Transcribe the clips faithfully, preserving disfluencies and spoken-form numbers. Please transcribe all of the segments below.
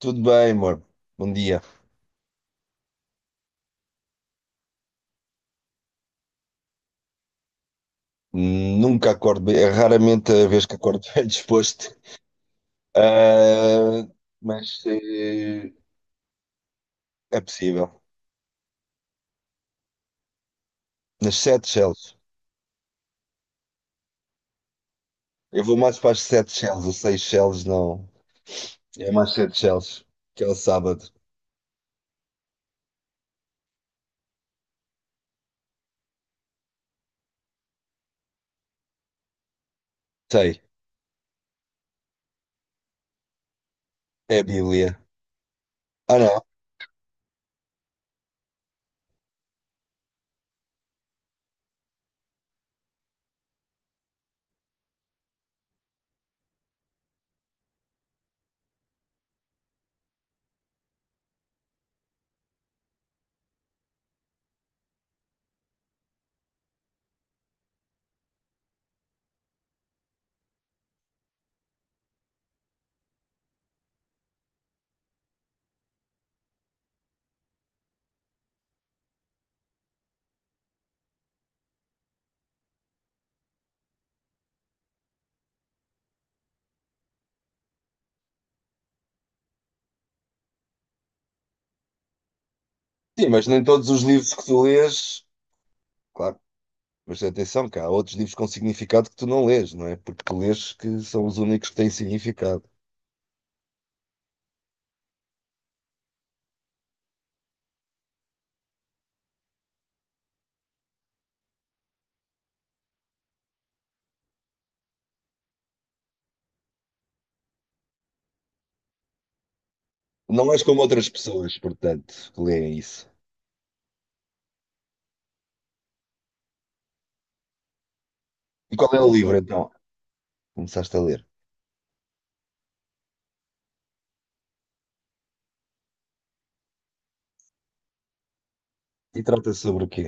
Tudo bem, amor. Bom dia. Nunca acordo bem. É raramente a vez que acordo bem disposto. Ah, mas eh, é possível. Nas sete shells. Eu vou mais para as sete shells. Os seis shells não. É mais sete shells. Que é o sábado. Sei. É a Bíblia. Ah, não. Sim, mas nem todos os livros que tu lês. Claro. Mas atenção, que há outros livros com significado que tu não lês, não é? Porque tu lês que são os únicos que têm significado. Não és como outras pessoas, portanto, que leem isso. E qual é o livro então? Começaste a ler. E trata sobre o quê?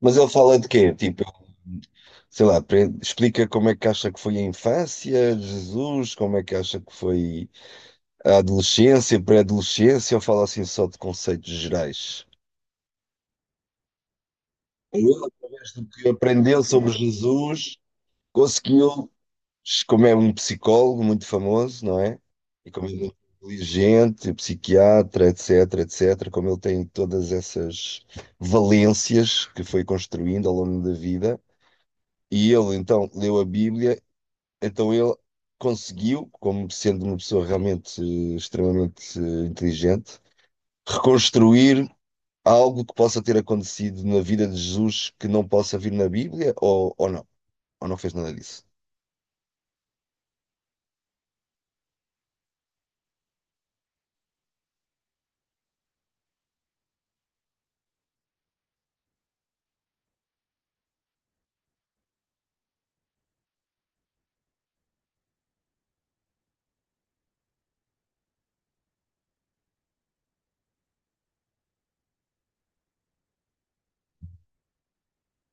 Mas ele fala de quê? Tipo, sei lá, pre- explica como é que acha que foi a infância, de Jesus, como é que acha que foi a adolescência, pré-adolescência, ou fala assim só de conceitos gerais? Ele, através do que aprendeu sobre Jesus, conseguiu como é um psicólogo muito famoso, não é? E como ele é muito inteligente, psiquiatra, etc, etc, como ele tem todas essas valências que foi construindo ao longo da vida, e ele então leu a Bíblia, então ele conseguiu, como sendo uma pessoa realmente eh, extremamente eh, inteligente, reconstruir algo que possa ter acontecido na vida de Jesus que não possa vir na Bíblia, ou, ou não, ou não fez nada disso.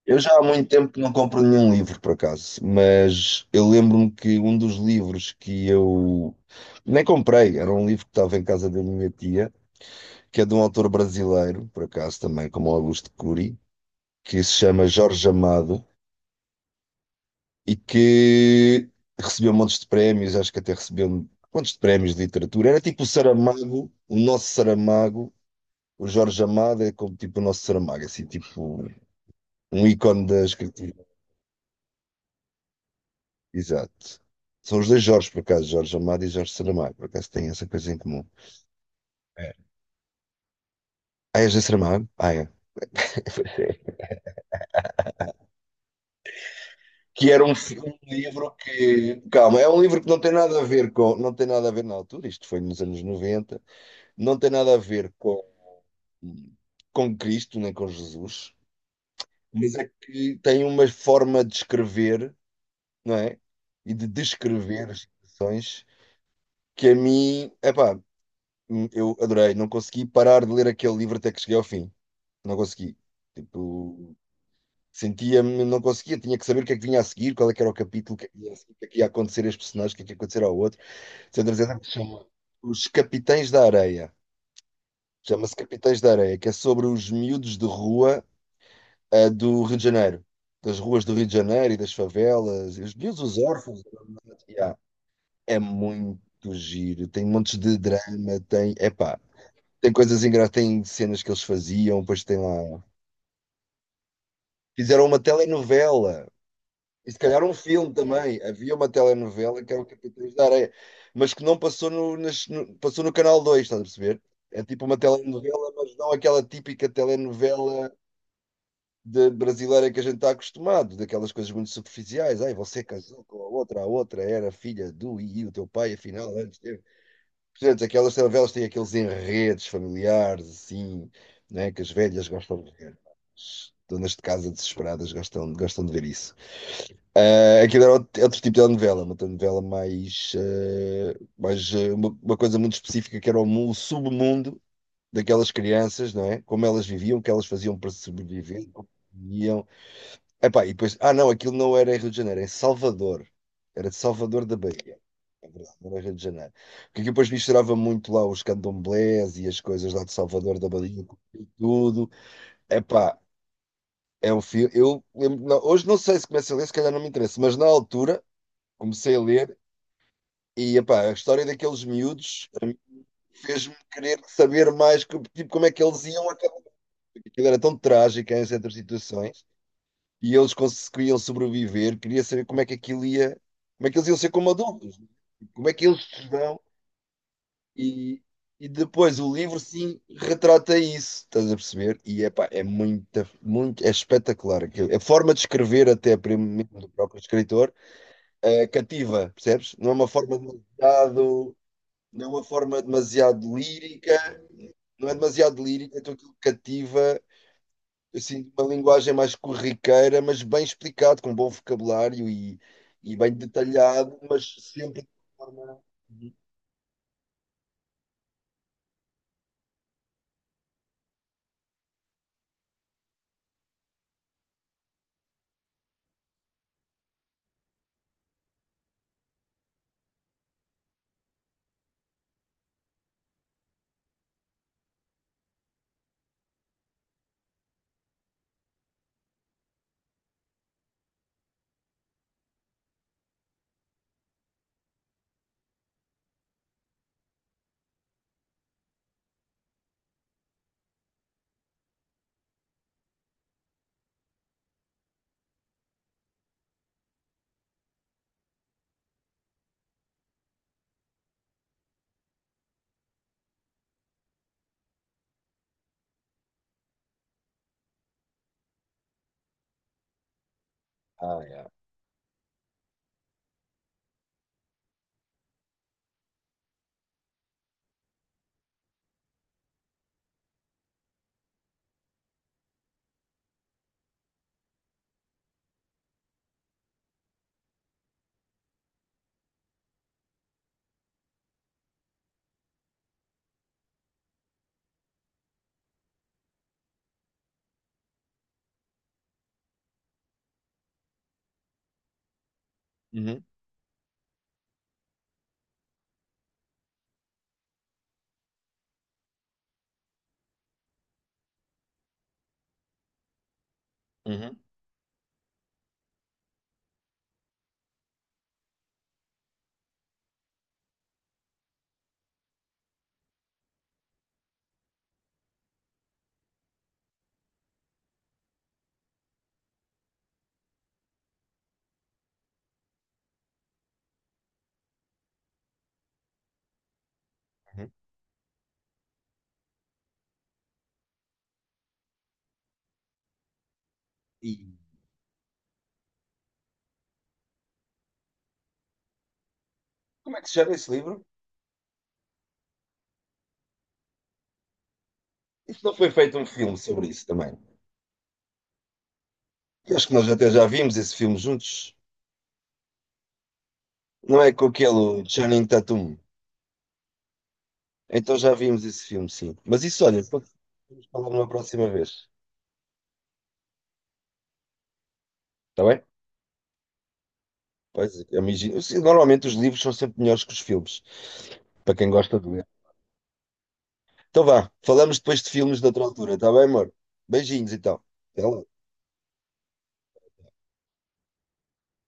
Eu já há muito tempo que não compro nenhum livro, por acaso, mas eu lembro-me que um dos livros que eu nem comprei, era um livro que estava em casa da minha tia, que é de um autor brasileiro, por acaso também, como o Augusto Cury, que se chama Jorge Amado e que recebeu montes de prémios, acho que até recebeu montes de prémios de literatura. Era tipo o Saramago, o nosso Saramago, o Jorge Amado é como tipo o nosso Saramago, assim, tipo um ícone da escrita. Exato. São os dois Jorges, por acaso, Jorge Amado e Jorge Saramago, por acaso têm essa coisa em comum. Ah, és de Saramago? Ah, é. Que era um, fi- um livro que. Calma, é um livro que não tem nada a ver com. Não tem nada a ver na altura, isto foi nos anos noventa. Não tem nada a ver com, com, Cristo nem com Jesus, mas é que tem uma forma de escrever, não é? E de descrever as situações que a mim, epá, eu adorei, não consegui parar de ler aquele livro até que cheguei ao fim. Não consegui. Tipo, sentia-me, não conseguia, tinha que saber o que é que vinha a seguir, qual é que era o capítulo, o que é que ia, a seguir, o que é que ia acontecer a este personagem, o que é que ia acontecer ao outro, etcétera etcétera. Chama Os Capitães da Areia. Chama-se Capitães da Areia, que é sobre os miúdos de rua, eh, do Rio de Janeiro. Das ruas do Rio de Janeiro e das favelas, e os miúdos, os órfãos. Yeah. É muito giro, tem montes de drama, tem, epá, tem coisas engraçadas, tem cenas que eles faziam, depois tem lá. Fizeram uma telenovela. E se calhar um filme também. Havia uma telenovela que era o Capitães da Areia, mas que não passou no, nas- no- passou no Canal dois. Estás a perceber? É tipo uma telenovela, mas não aquela típica telenovela de brasileira que a gente está acostumado, daquelas coisas muito superficiais. Ai, você casou com a outra, a outra era filha do e e o teu pai, afinal, antes teve. Portanto, aquelas telenovelas têm aqueles enredos familiares, assim, né, que as velhas gostam de ver. As donas de casa desesperadas gostam, gostam de ver isso. Ah, aquilo era outro outro tipo de novela, uma novela mais, eh, mais eh, uma, uma coisa muito específica que era o, mu- o submundo daquelas crianças, não é? Como elas viviam, o que elas faziam para sobreviver, como viviam. Epá, e depois, ah não, aquilo não era em Rio de Janeiro, era em Salvador. Era de Salvador da Bahia. É verdade, não era Rio de Janeiro. Porque aquilo depois misturava muito lá os candomblés e as coisas lá de Salvador da Bahia, com tudo. Epá, é um filme. Eu lembro, não, hoje não sei se começa a ler, se calhar não me interessa, mas na altura comecei a ler e epá, a história daqueles miúdos fez-me querer saber mais co- tipo, como é que eles iam acabar. Aquilo era tão trágico em certas situações e eles conseguiam sobreviver. Queria saber como é que aquilo ia, como é que eles iam ser como adultos, como é que eles se dão. E, e depois o livro sim retrata isso, estás a perceber? E epá, é muita, muito, é espetacular aquilo. A forma de escrever, até mesmo do próprio escritor, eh, cativa, percebes? Não é uma forma de Não é uma forma demasiado lírica, não é demasiado lírica, então aquilo cativa assim, uma linguagem mais corriqueira, mas bem explicado, com bom vocabulário e, e bem detalhado, mas sempre de forma. Uhum. Ah, é. Uhum, uhum, uhum. E como é que se chama esse livro? Isso não foi feito um filme sobre isso também. Eu acho que nós até já vimos esse filme juntos. Não é com aquele Channing Tatum. Então já vimos esse filme, sim. Mas isso, olha, vamos falar numa próxima vez. Está bem? Pois, eu imagino. Eu sei, normalmente os livros são sempre melhores que os filmes, para quem gosta de ler. Então vá, falamos depois de filmes noutra altura, está bem, amor? Beijinhos então. Até lá.